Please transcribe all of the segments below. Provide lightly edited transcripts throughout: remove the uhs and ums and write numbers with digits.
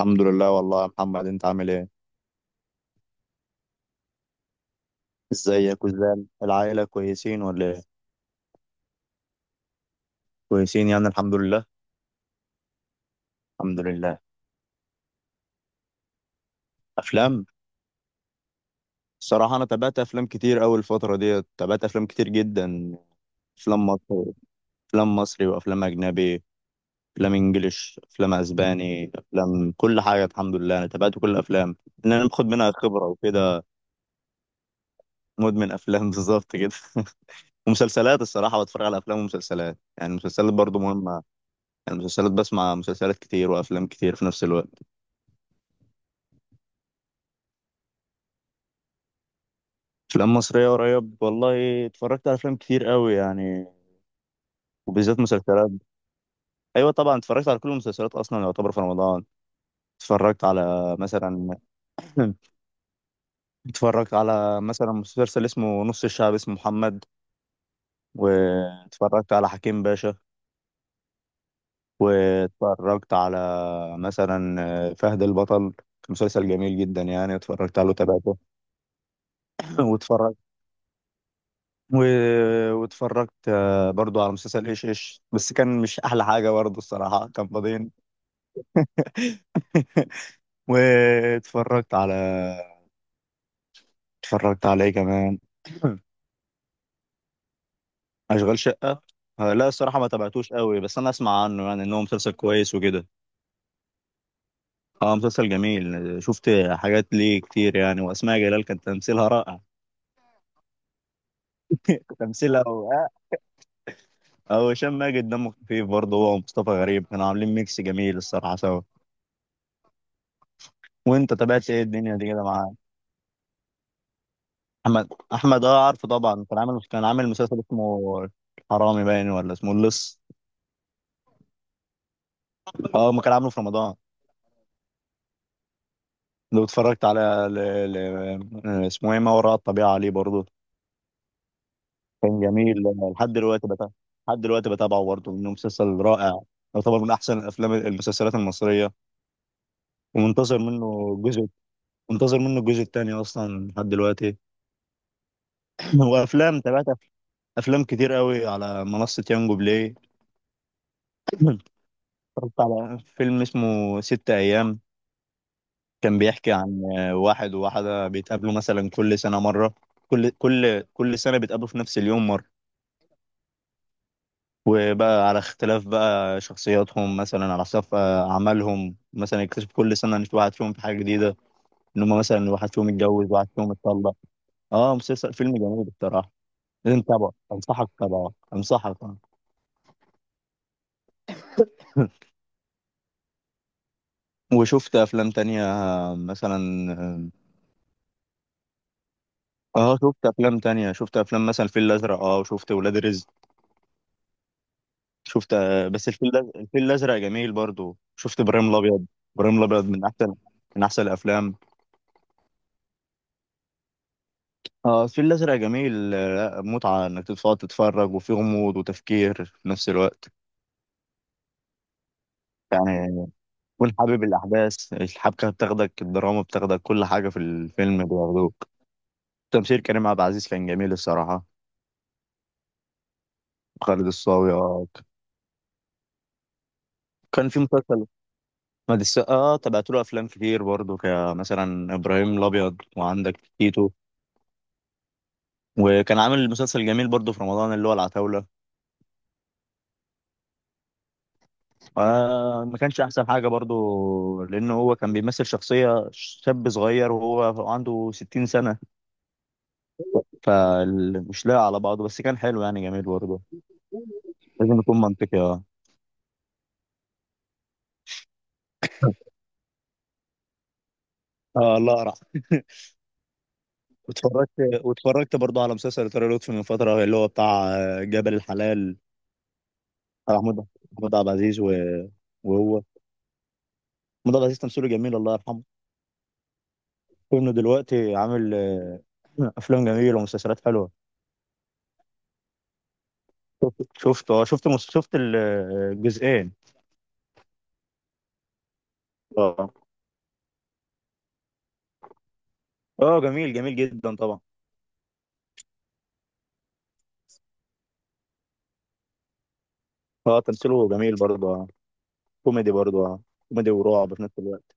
الحمد لله والله يا محمد. انت عامل ايه؟ ازيك؟ وازاي العائله، كويسين ولا ايه؟ كويسين يعني الحمد لله. الحمد لله. افلام؟ الصراحه انا تابعت افلام كتير اوي الفتره ديت، تابعت افلام كتير جدا. افلام مصري. افلام مصري وافلام اجنبي. افلام انجليش، افلام اسباني، افلام كل حاجه. الحمد لله انا تابعت كل الافلام. انا باخد منها خبره وكده. مدمن افلام. بالظبط كده. ومسلسلات الصراحه، بتفرج على افلام ومسلسلات، يعني المسلسلات برضو مهمه. يعني المسلسلات، بسمع مسلسلات كتير وافلام كتير في نفس الوقت. افلام مصريه قريب، والله اتفرجت على افلام كتير قوي يعني. وبالذات مسلسلات. ايوه طبعا، اتفرجت على كل المسلسلات اصلا، يعتبر في رمضان. اتفرجت على مثلا. اتفرجت على مثلا مسلسل اسمه نص الشعب، اسمه محمد. واتفرجت على حكيم باشا. واتفرجت على مثلا فهد البطل، كان مسلسل جميل جدا يعني، اتفرجت عليه وتابعته. واتفرجت و... واتفرجت برضو على مسلسل ايش ايش، بس كان مش احلى حاجه برضو، الصراحه كان فاضيين. واتفرجت على اتفرجت على ايه كمان؟ اشغال شقه. لا، الصراحه ما تابعتوش قوي، بس انا اسمع عنه يعني ان هو مسلسل كويس وكده. اه مسلسل جميل، شفت حاجات ليه كتير يعني، واسماء جلال كان تمثيلها رائع. تمثيلها و... اه وهشام ماجد دمه خفيف برضه، هو ومصطفى غريب كانوا عاملين ميكس جميل الصراحه سوا. وانت تابعت ايه الدنيا دي كده مع؟ احمد. احمد اه، عارفه طبعا. كان عامل مسلسل اسمه حرامي باين، ولا اسمه اللص؟ اه ما كان عامله في رمضان. لو اتفرجت على ل... اسمه ايه، ما وراء الطبيعة، عليه برضه. كان جميل. لحد دلوقتي بتابعه لحد دلوقتي بتابعه برضه، انه مسلسل رائع. يعتبر من احسن الافلام، المسلسلات المصرية. ومنتظر منه الجزء منتظر منه الجزء الثاني اصلا لحد دلوقتي. وافلام تابعت، افلام كتير قوي على منصة يانجو بلاي. اتفرجت على فيلم اسمه ست أيام. كان بيحكي عن واحد وواحدة بيتقابلوا مثلا كل سنة مرة. كل سنة بيتقابلوا في نفس اليوم مرة. وبقى على اختلاف بقى شخصياتهم مثلا، على اختلاف أعمالهم، مثلا يكتشف كل سنة إن في واحد فيهم في حاجة جديدة. إن هم مثلا واحد فيهم اتجوز، واحد فيهم اتطلق. اه مسلسل فيلم جميل بصراحة. لازم تتابعه، أنصحك تتابعه، أنصحك. وشفت أفلام تانية، مثلا. اه، شفت أفلام تانية، شفت أفلام مثلا الفيل الأزرق، اه وشفت ولاد رزق. شفت. بس الفيل الأزرق جميل برضو، شفت إبراهيم الأبيض. إبراهيم الأبيض من أحسن الأفلام. اه الفيل الأزرق جميل. لا متعة إنك تقعد تتفرج، وفي غموض وتفكير في نفس الوقت. يعني تكون حابب الأحداث، الحبكة بتاخدك، الدراما بتاخدك، كل حاجة في الفيلم بياخدوك. تمثيل كريم عبد العزيز كان جميل الصراحة. خالد الصاوي. كان في مسلسل. مد السقا اه، تابعت له أفلام كتير برضه، كمثلا إبراهيم الأبيض وعندك تيتو. وكان عامل مسلسل جميل برضه في رمضان، اللي هو العتاولة. ما كانش احسن حاجه برضو، لان هو كان بيمثل شخصيه شاب صغير وهو عنده 60 سنه. فمش لاقي على بعضه، بس كان حلو يعني، جميل برضو. لازم يكون منطقي اه. اه الله أرع. واتفرجت واتفرجت برضو على مسلسل ترى لطفي من فتره، اللي هو بتاع جبل الحلال. بتاع محمود عبد العزيز وهو محمود عبد العزيز تمثيله جميل، الله يرحمه. كونه دلوقتي عامل، افلام جميله ومسلسلات حلوه. شفت الجزئين. اه، اه، جميل جميل جدا طبعا. اه تمثيله جميل برضه، اه. كوميدي برضه، اه. كوميدي ورعب في نفس الوقت.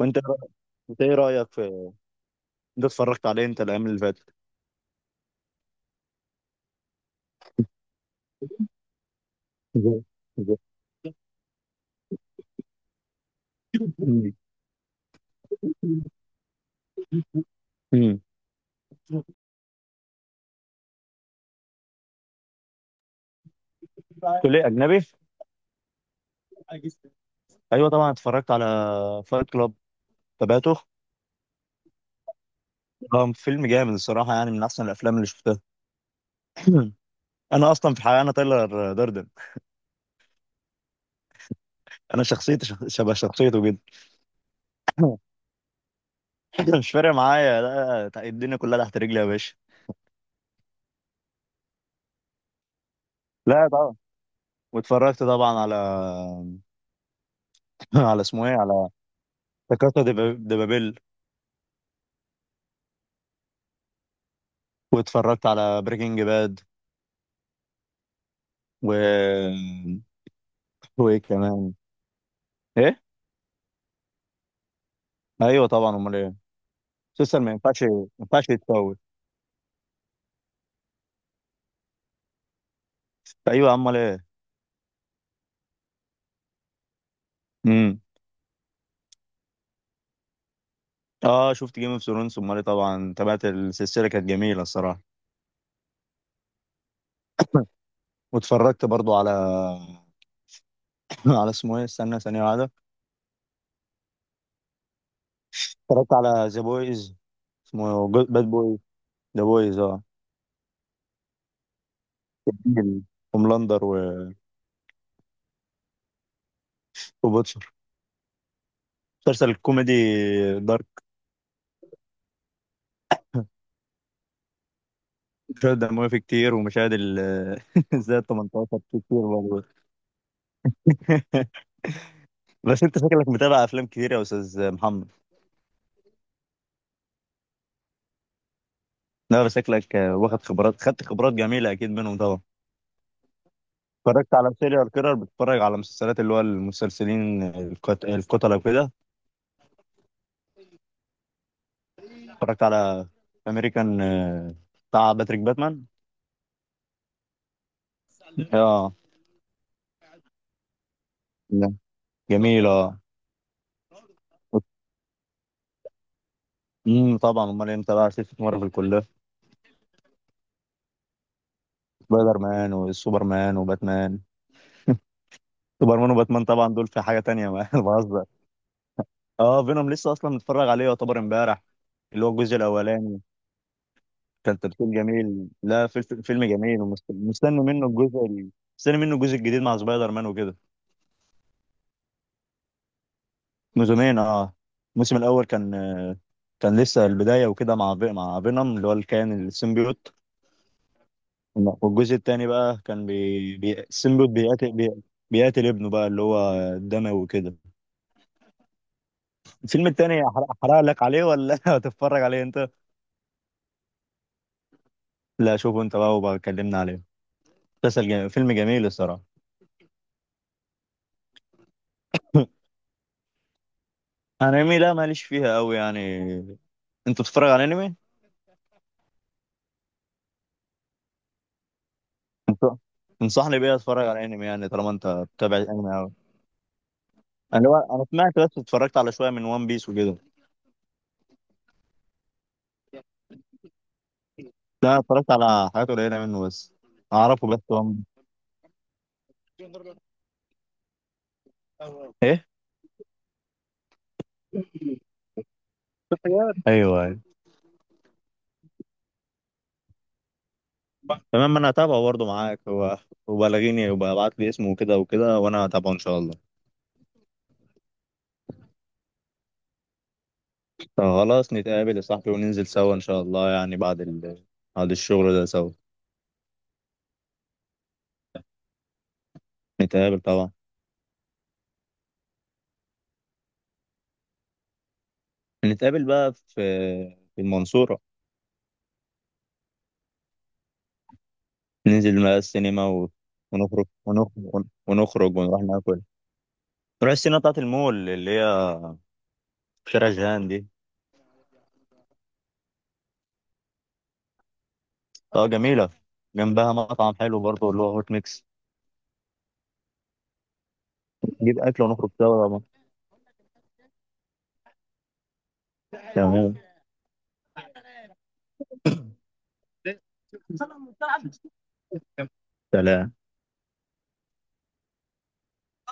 وانت ايه رايك في؟ انت اتفرجت عليه انت، الايام اللي فاتت؟ زي- زي- مم. مم. تقول لي اجنبي؟ ايوه طبعا، اتفرجت على فايت كلاب، تابعته. اه فيلم جامد الصراحه، يعني من احسن الافلام اللي شفتها. انا اصلا في الحقيقه انا تايلر داردن. انا شخصيتي، شبه شخصيته جدا. مش فارق معايا. لا، لا، الدنيا كلها تحت رجلي يا باشا. لا طبعا. واتفرجت طبعا على. على اسمه ايه على لا كاسا دي بابيل. واتفرجت على بريكنج باد و وايه كمان؟ ايه؟ ايوه طبعا، امال ايه. مسلسل ما ينفعش يتفوت. ايوه، امال ايه. امم. اه، شفت جيم اوف ثرونز، امال ايه طبعا، تابعت السلسله كانت جميله الصراحه. واتفرجت برضو على. على اسمه ايه استنى ثانيه واحده. اتفرجت على ذا بويز. اسمه باد بويز. ذا بويز اه. هوملاندر وبوتشر. مسلسل الكوميدي دارك. مشاهد دموية فيه كتير، ومشاهد زائد 18 فيه كتير برضه. بس انت شكلك متابع افلام كتير يا استاذ محمد. لا بس شكلك واخد خبرات، خدت خبرات جميلة اكيد منهم طبعا. اتفرجت على سيريال كيرر، بتتفرج على مسلسلات اللي هو المسلسلين، القتلة وكده. اتفرجت على امريكان، بتاع باتريك باتمان. اه. لا، جميل اه. طبعا، امال إيه، متابع ست مرة في الكلية. سبايدر مان وسوبر مان وباتمان. سوبر مان وباتمان طبعا، دول في حاجه تانية، ما أنا بهزر. اه، فينوم لسه اصلا متفرج عليه، يعتبر امبارح. اللي هو الجزء الاولاني. كان تمثيل جميل، لا فيلم جميل، ومستني منه الجزء ال- مستني منه الجزء الجديد مع سبايدر مان وكده. موسمين اه. الموسم الاول كان لسه البدايه وكده، مع مع فينوم اللي هو الكائن السيمبيوت. والجزء التاني بقى كان السيمبيوت بيقاتل بيقاتل ابنه بقى، اللي هو الدموي وكده. الفيلم التاني، احرق لك عليه، ولا هتتفرج عليه انت؟ لا، شوفه انت بقى وبقى كلمنا عليه. مسلسل جميل. فيلم جميل الصراحه. انمي؟ لا ماليش فيها قوي يعني. انت بتتفرج على انمي؟ انت تنصحني بيه اتفرج على انمي يعني، طالما انت بتتابع انمي قوي؟ انا انا سمعت بس، اتفرجت على شويه من وان بيس وكده. لا أنا اتفرجت على حاجات قليله منه بس. اعرفه بس. وان. ايوه، ايوه. تمام، انا هتابعه برضه معاك هو. وبلغيني وابعت لي اسمه وكده وكده، وانا هتابعه ان شاء الله. طب خلاص، نتقابل يا صاحبي وننزل سوا إن شاء الله يعني، بعد الشغل ده سوا. نتقابل طبعا. نتقابل بقى في المنصورة. ننزل بقى السينما ونخرج ونروح ناكل. نروح السينما بتاعة المول، اللي هي في شارع جهان دي. اه جميلة. جنبها مطعم حلو برضه، اللي هو هوت ميكس. نجيب أكل ونخرج سوا طبعا. تمام. سلام.